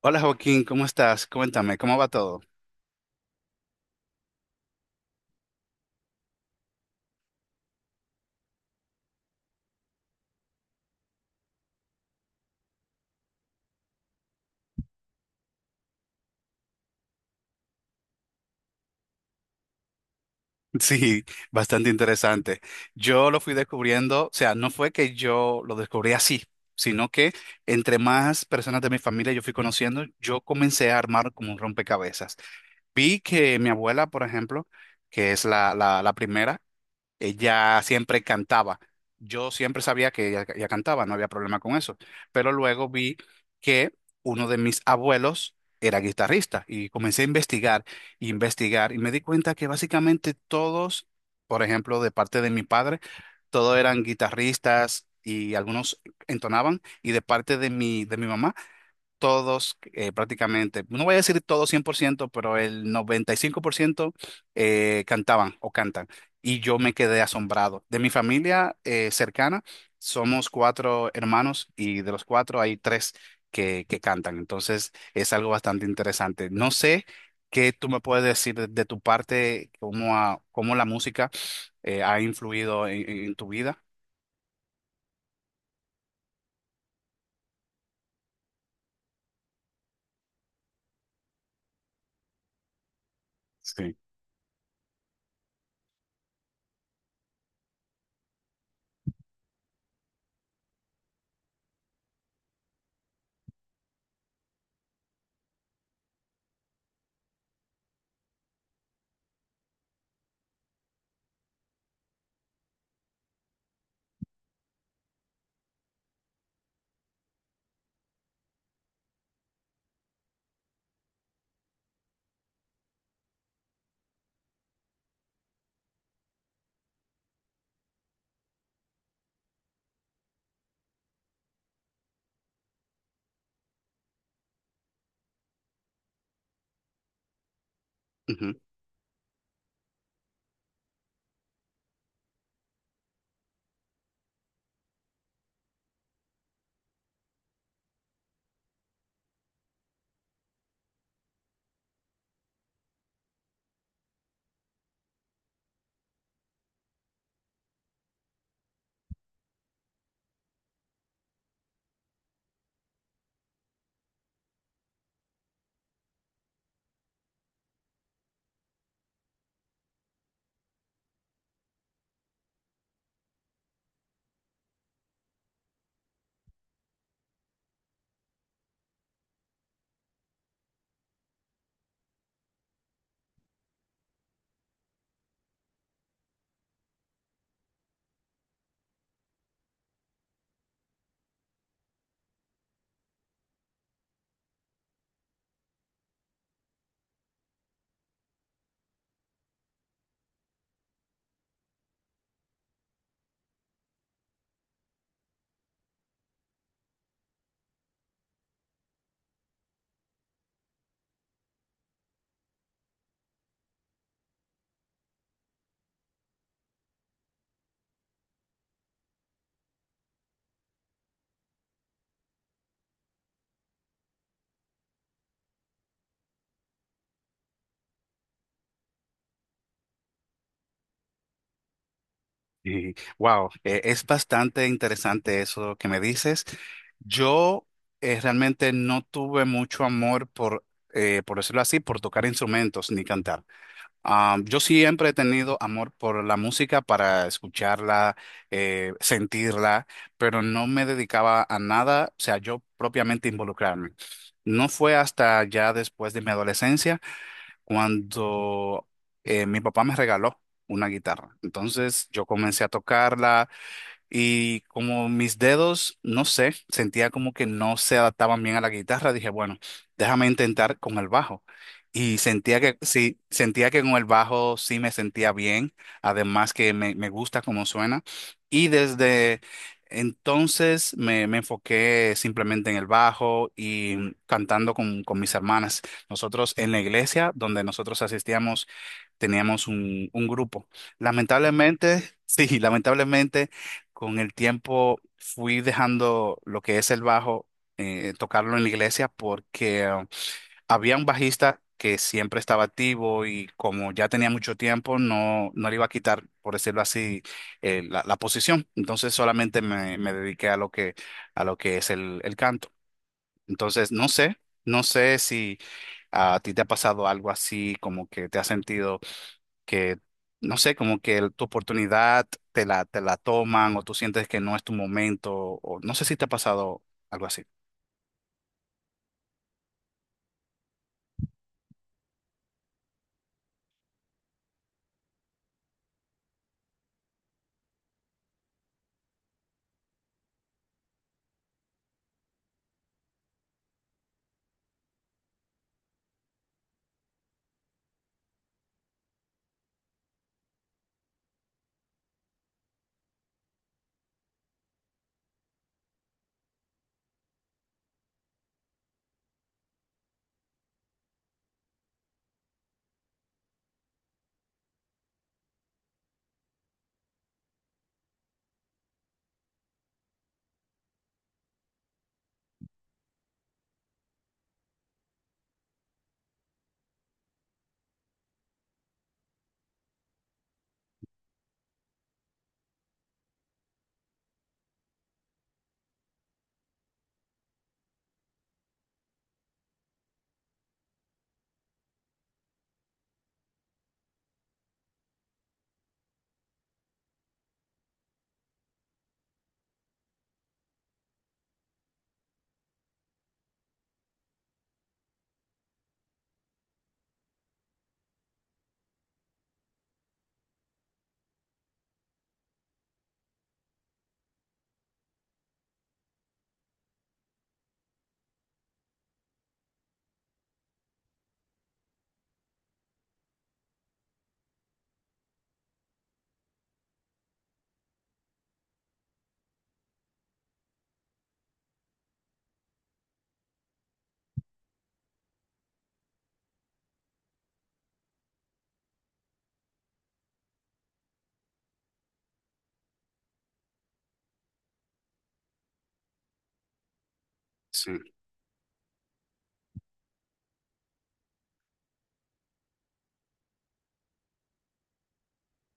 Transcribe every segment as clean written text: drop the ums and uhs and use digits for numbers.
Hola Joaquín, ¿cómo estás? Cuéntame, ¿cómo va todo? Sí, bastante interesante. Yo lo fui descubriendo, o sea, no fue que yo lo descubrí así, sino que entre más personas de mi familia yo fui conociendo, yo comencé a armar como un rompecabezas. Vi que mi abuela, por ejemplo, que es la primera. Ella siempre cantaba. Yo siempre sabía que ella cantaba, no había problema con eso. Pero luego vi que uno de mis abuelos era guitarrista y comencé a investigar, investigar, y me di cuenta que básicamente todos, por ejemplo, de parte de mi padre, todos eran guitarristas y algunos entonaban, y de parte de mi mamá todos prácticamente, no voy a decir todos 100%, pero el 95% cantaban o cantan. Y yo me quedé asombrado. De mi familia cercana, somos cuatro hermanos y de los cuatro hay tres que cantan. Entonces es algo bastante interesante. No sé qué tú me puedes decir de tu parte, cómo, cómo la música ha influido en tu vida. Sí. Wow, es bastante interesante eso que me dices. Yo realmente no tuve mucho amor por decirlo así, por tocar instrumentos ni cantar. Ah, yo siempre he tenido amor por la música para escucharla, sentirla, pero no me dedicaba a nada, o sea, yo propiamente involucrarme. No fue hasta ya después de mi adolescencia cuando mi papá me regaló una guitarra. Entonces yo comencé a tocarla, y como mis dedos, no sé, sentía como que no se adaptaban bien a la guitarra, dije, bueno, déjame intentar con el bajo. Y sentía que sí, sentía que con el bajo sí me sentía bien, además que me gusta cómo suena. Y desde entonces me enfoqué simplemente en el bajo y cantando con mis hermanas. Nosotros en la iglesia donde nosotros asistíamos, teníamos un grupo. Lamentablemente, sí, lamentablemente, con el tiempo fui dejando lo que es el bajo, tocarlo en la iglesia porque había un bajista que siempre estaba activo, y como ya tenía mucho tiempo, no, no le iba a quitar, por decirlo así, la posición. Entonces solamente me dediqué a lo que es el canto. Entonces, no sé, no sé si a ti te ha pasado algo así, como que te has sentido que, no sé, como que tu oportunidad te la toman, o tú sientes que no es tu momento, o no sé si te ha pasado algo así.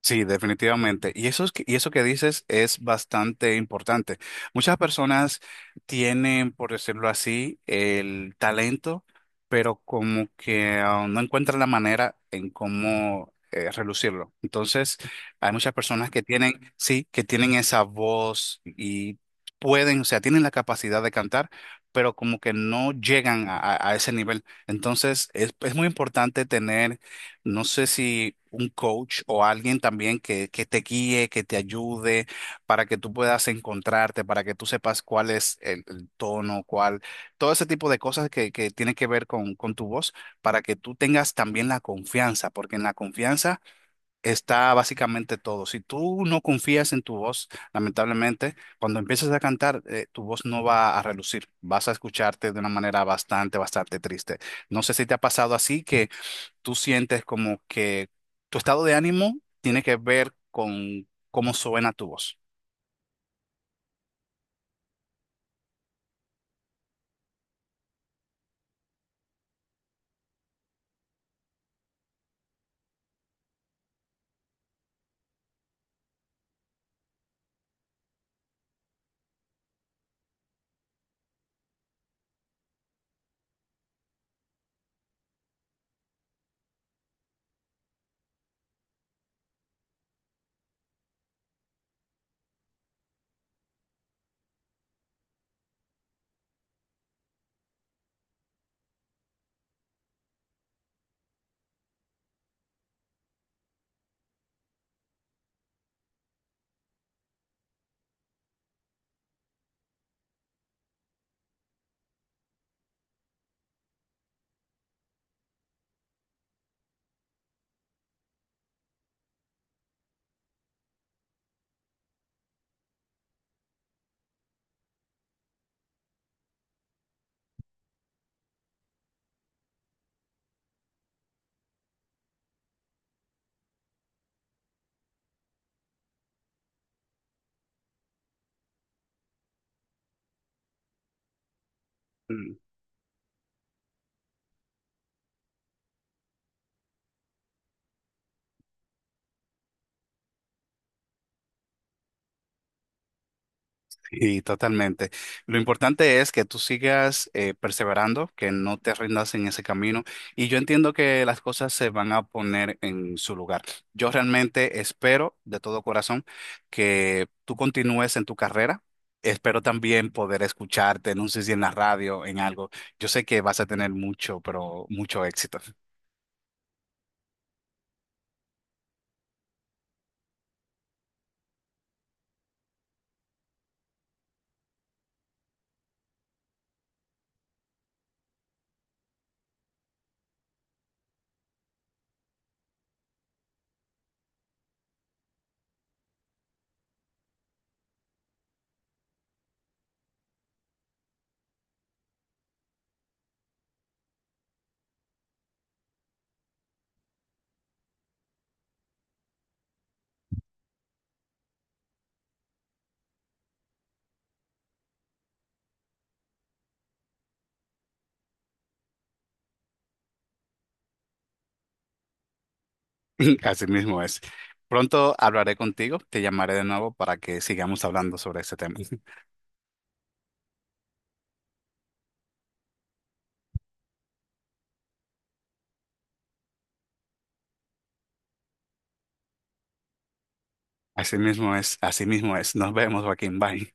Sí, definitivamente. Y eso, y eso que dices es bastante importante. Muchas personas tienen, por decirlo así, el talento, pero como que no encuentran la manera en cómo relucirlo. Entonces, hay muchas personas que tienen, sí, que tienen esa voz y pueden, o sea, tienen la capacidad de cantar, pero como que no llegan a, a ese nivel. Entonces, es muy importante tener, no sé, si un coach o alguien también que te guíe, que te ayude, para que tú puedas encontrarte, para que tú sepas cuál es el tono, cuál, todo ese tipo de cosas que tiene que ver con tu voz, para que tú tengas también la confianza, porque en la confianza está básicamente todo. Si tú no confías en tu voz, lamentablemente, cuando empiezas a cantar, tu voz no va a relucir, vas a escucharte de una manera bastante, bastante triste. No sé si te ha pasado así, que tú sientes como que tu estado de ánimo tiene que ver con cómo suena tu voz. Mm. Sí, totalmente. Lo importante es que tú sigas perseverando, que no te rindas en ese camino. Y yo entiendo que las cosas se van a poner en su lugar. Yo realmente espero de todo corazón que tú continúes en tu carrera. Espero también poder escucharte, no sé si en la radio, en algo. Yo sé que vas a tener mucho, pero mucho éxito. Así mismo es. Pronto hablaré contigo, te llamaré de nuevo para que sigamos hablando sobre este tema. Así mismo es, así mismo es. Nos vemos, Joaquín. Bye.